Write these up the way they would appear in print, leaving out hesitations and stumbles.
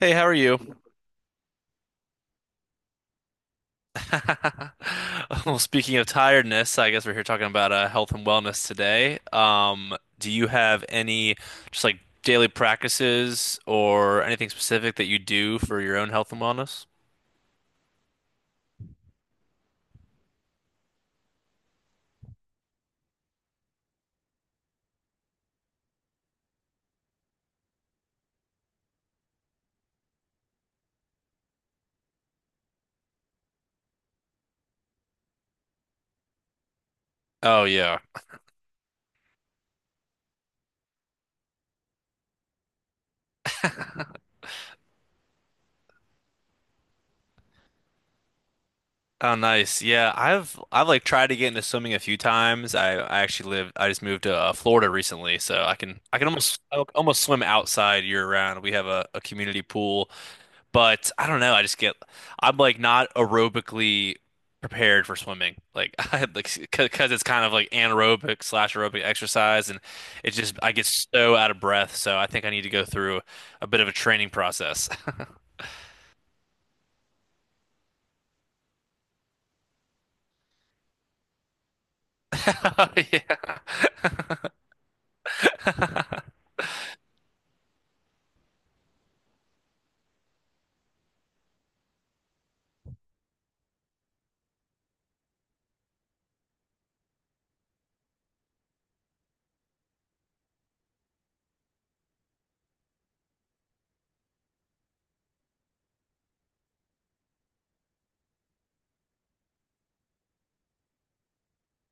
Hey, how are you? Well, speaking of tiredness, I guess we're here talking about health and wellness today. Do you have any just like daily practices or anything specific that you do for your own health and wellness? Oh yeah. Oh nice. Yeah, I've like tried to get into swimming a few times. I actually live I just moved to Florida recently, so I can almost I almost swim outside year round. We have a community pool. But I don't know. I'm like not aerobically prepared for swimming. Like, I like, because it's kind of like anaerobic slash aerobic exercise. And it's just, I get so out of breath. So I think I need to go through a bit of a training process. Yeah.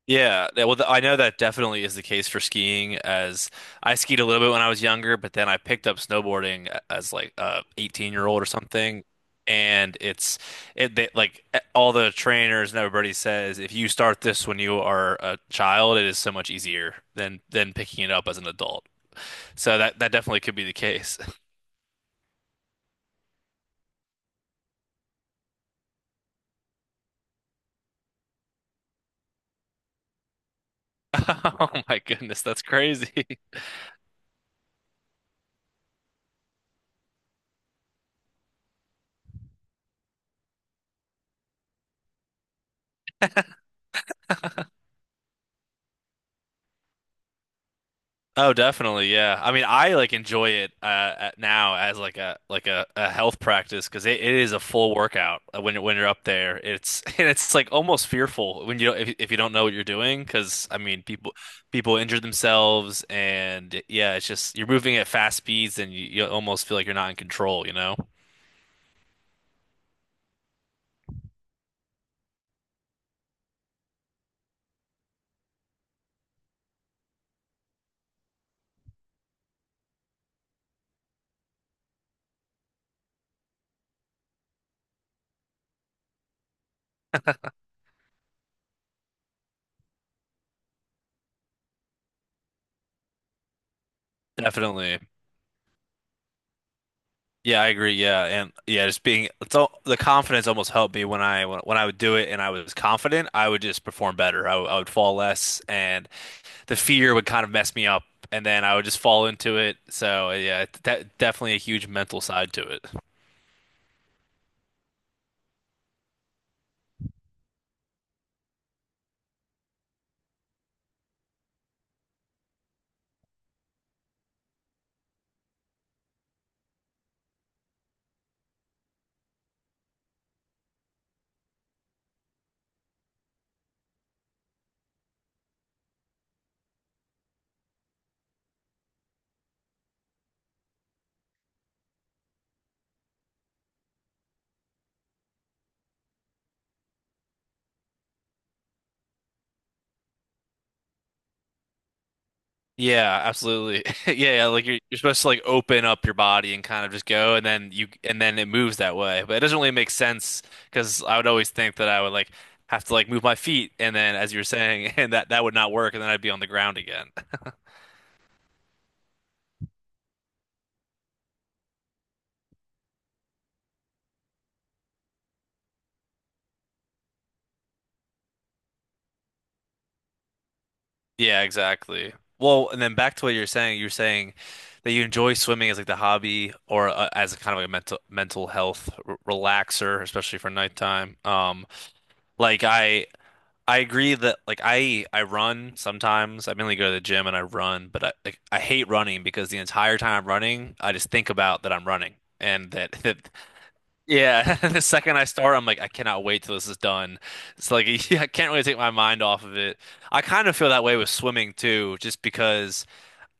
I know that definitely is the case for skiing as I skied a little bit when I was younger, but then I picked up snowboarding as like a 18-year-old or something. And it's it They, like all the trainers and everybody says if you start this when you are a child, it is so much easier than picking it up as an adult. So that definitely could be the case. Oh my goodness, that's crazy. Oh, definitely, yeah. I mean, I like enjoy it at now as like a like a health practice because it is a full workout when you're up there. It's and it's like almost fearful when you don't- if you don't know what you're doing because I mean people injure themselves. And yeah, it's just you're moving at fast speeds and you almost feel like you're not in control, you know? Definitely. Yeah, I agree. Yeah, and yeah, just being it's all the confidence almost helped me when when I would do it and I was confident, I would just perform better. I would fall less, and the fear would kind of mess me up, and then I would just fall into it. So yeah, that definitely a huge mental side to it. Yeah, absolutely. Yeah, yeah, like you're supposed to like open up your body and kind of just go, and then it moves that way. But it doesn't really make sense because I would always think that I would like have to like move my feet, and then as you were saying, and that would not work, and then I'd be on the ground again. Yeah, exactly. Well, and then back to what you're saying that you enjoy swimming as like the hobby or as a kind of like a mental health r relaxer, especially for nighttime. Like I agree that like I run sometimes. I mainly go to the gym and I run, but I like, I hate running because the entire time I'm running, I just think about that I'm running. And that, that Yeah, the second I start, I'm like I cannot wait till this is done. It's like I can't really take my mind off of it. I kind of feel that way with swimming too, just because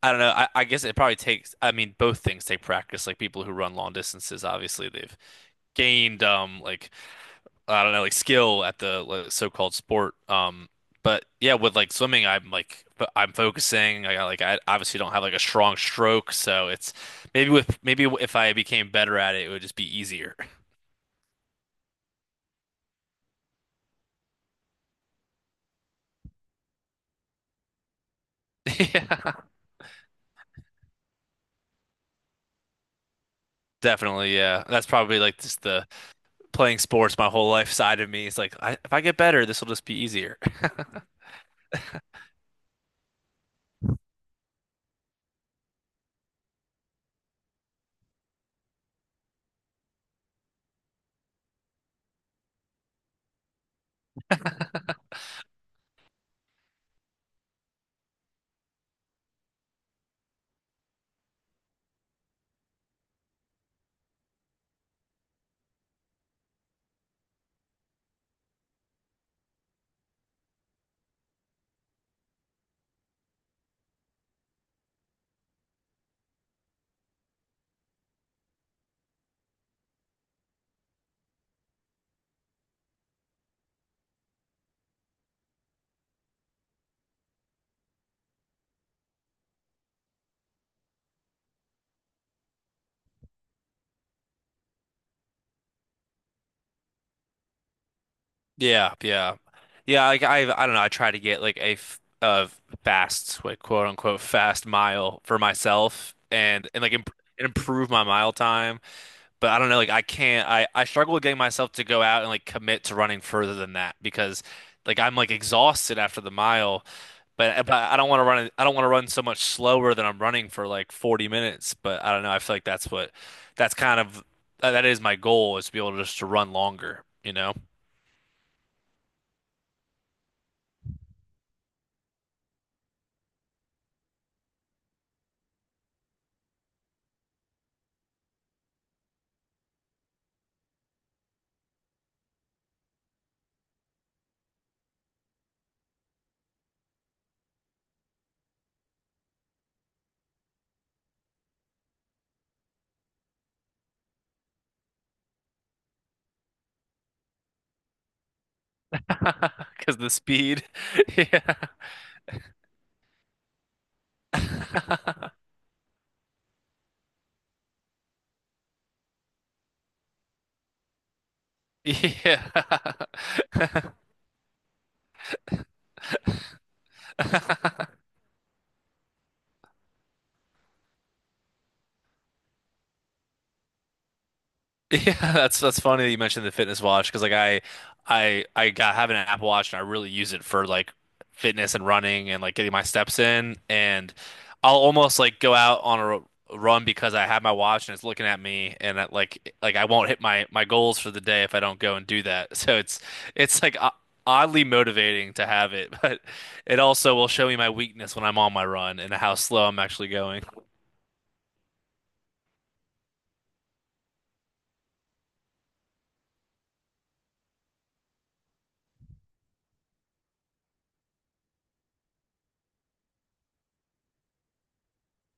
I don't know. I guess it probably takes. I mean, both things take practice. Like people who run long distances, obviously they've gained like I don't know, like skill at the like, so-called sport. But yeah, with like swimming, I'm like I'm focusing. I got like I obviously don't have like a strong stroke, so it's maybe with maybe if I became better at it, it would just be easier. Yeah, definitely. Yeah, that's probably like just the playing sports my whole life side of me. It's like if I get better, this will just be easier. Yeah, yeah, yeah. Like I don't know. I try to get like a fast, like quote unquote, fast mile for myself, and like imp and improve my mile time. But I don't know. Like I can't. I struggle with getting myself to go out and like commit to running further than that because like I'm like exhausted after the mile. But I don't want to run. I don't want to run so much slower than I'm running for like 40 minutes. But I don't know. I feel like that's what that's kind of that is my goal is to be able to just to run longer. You know. Because the speed. Yeah. Yeah. Yeah, that's funny that you mentioned the fitness watch because like I got have an Apple Watch and I really use it for like fitness and running and like getting my steps in. And I'll almost like go out on a run because I have my watch and it's looking at me, and I, like I won't hit my goals for the day if I don't go and do that. So it's like oddly motivating to have it, but it also will show me my weakness when I'm on my run and how slow I'm actually going.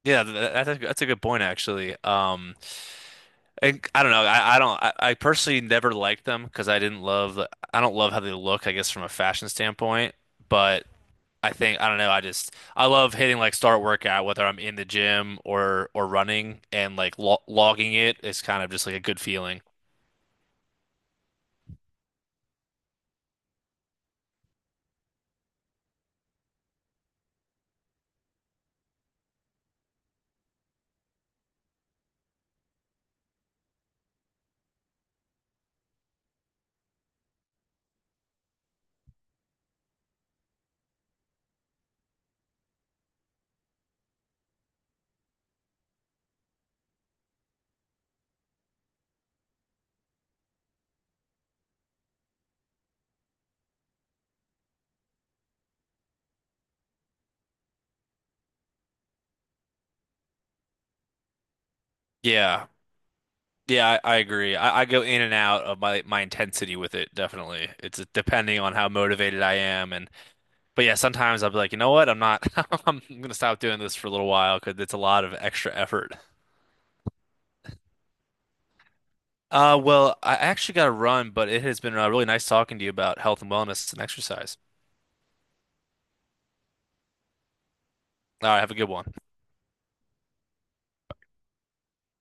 Yeah, that's that's a good point actually. I don't know. I don't. I personally never liked them because I didn't love. I don't love how they look, I guess, from a fashion standpoint, but I think I don't know. I just I love hitting like start workout whether I'm in the gym or running, and like lo logging it is kind of just like a good feeling. Yeah, yeah. I agree. I go in and out of my intensity with it. Definitely, it's depending on how motivated I am and. But yeah, sometimes I'll be like, you know what? I'm not. I'm gonna stop doing this for a little while because it's a lot of extra effort. Well, I actually got to run, but it has been really nice talking to you about health and wellness and exercise. All right, have a good one.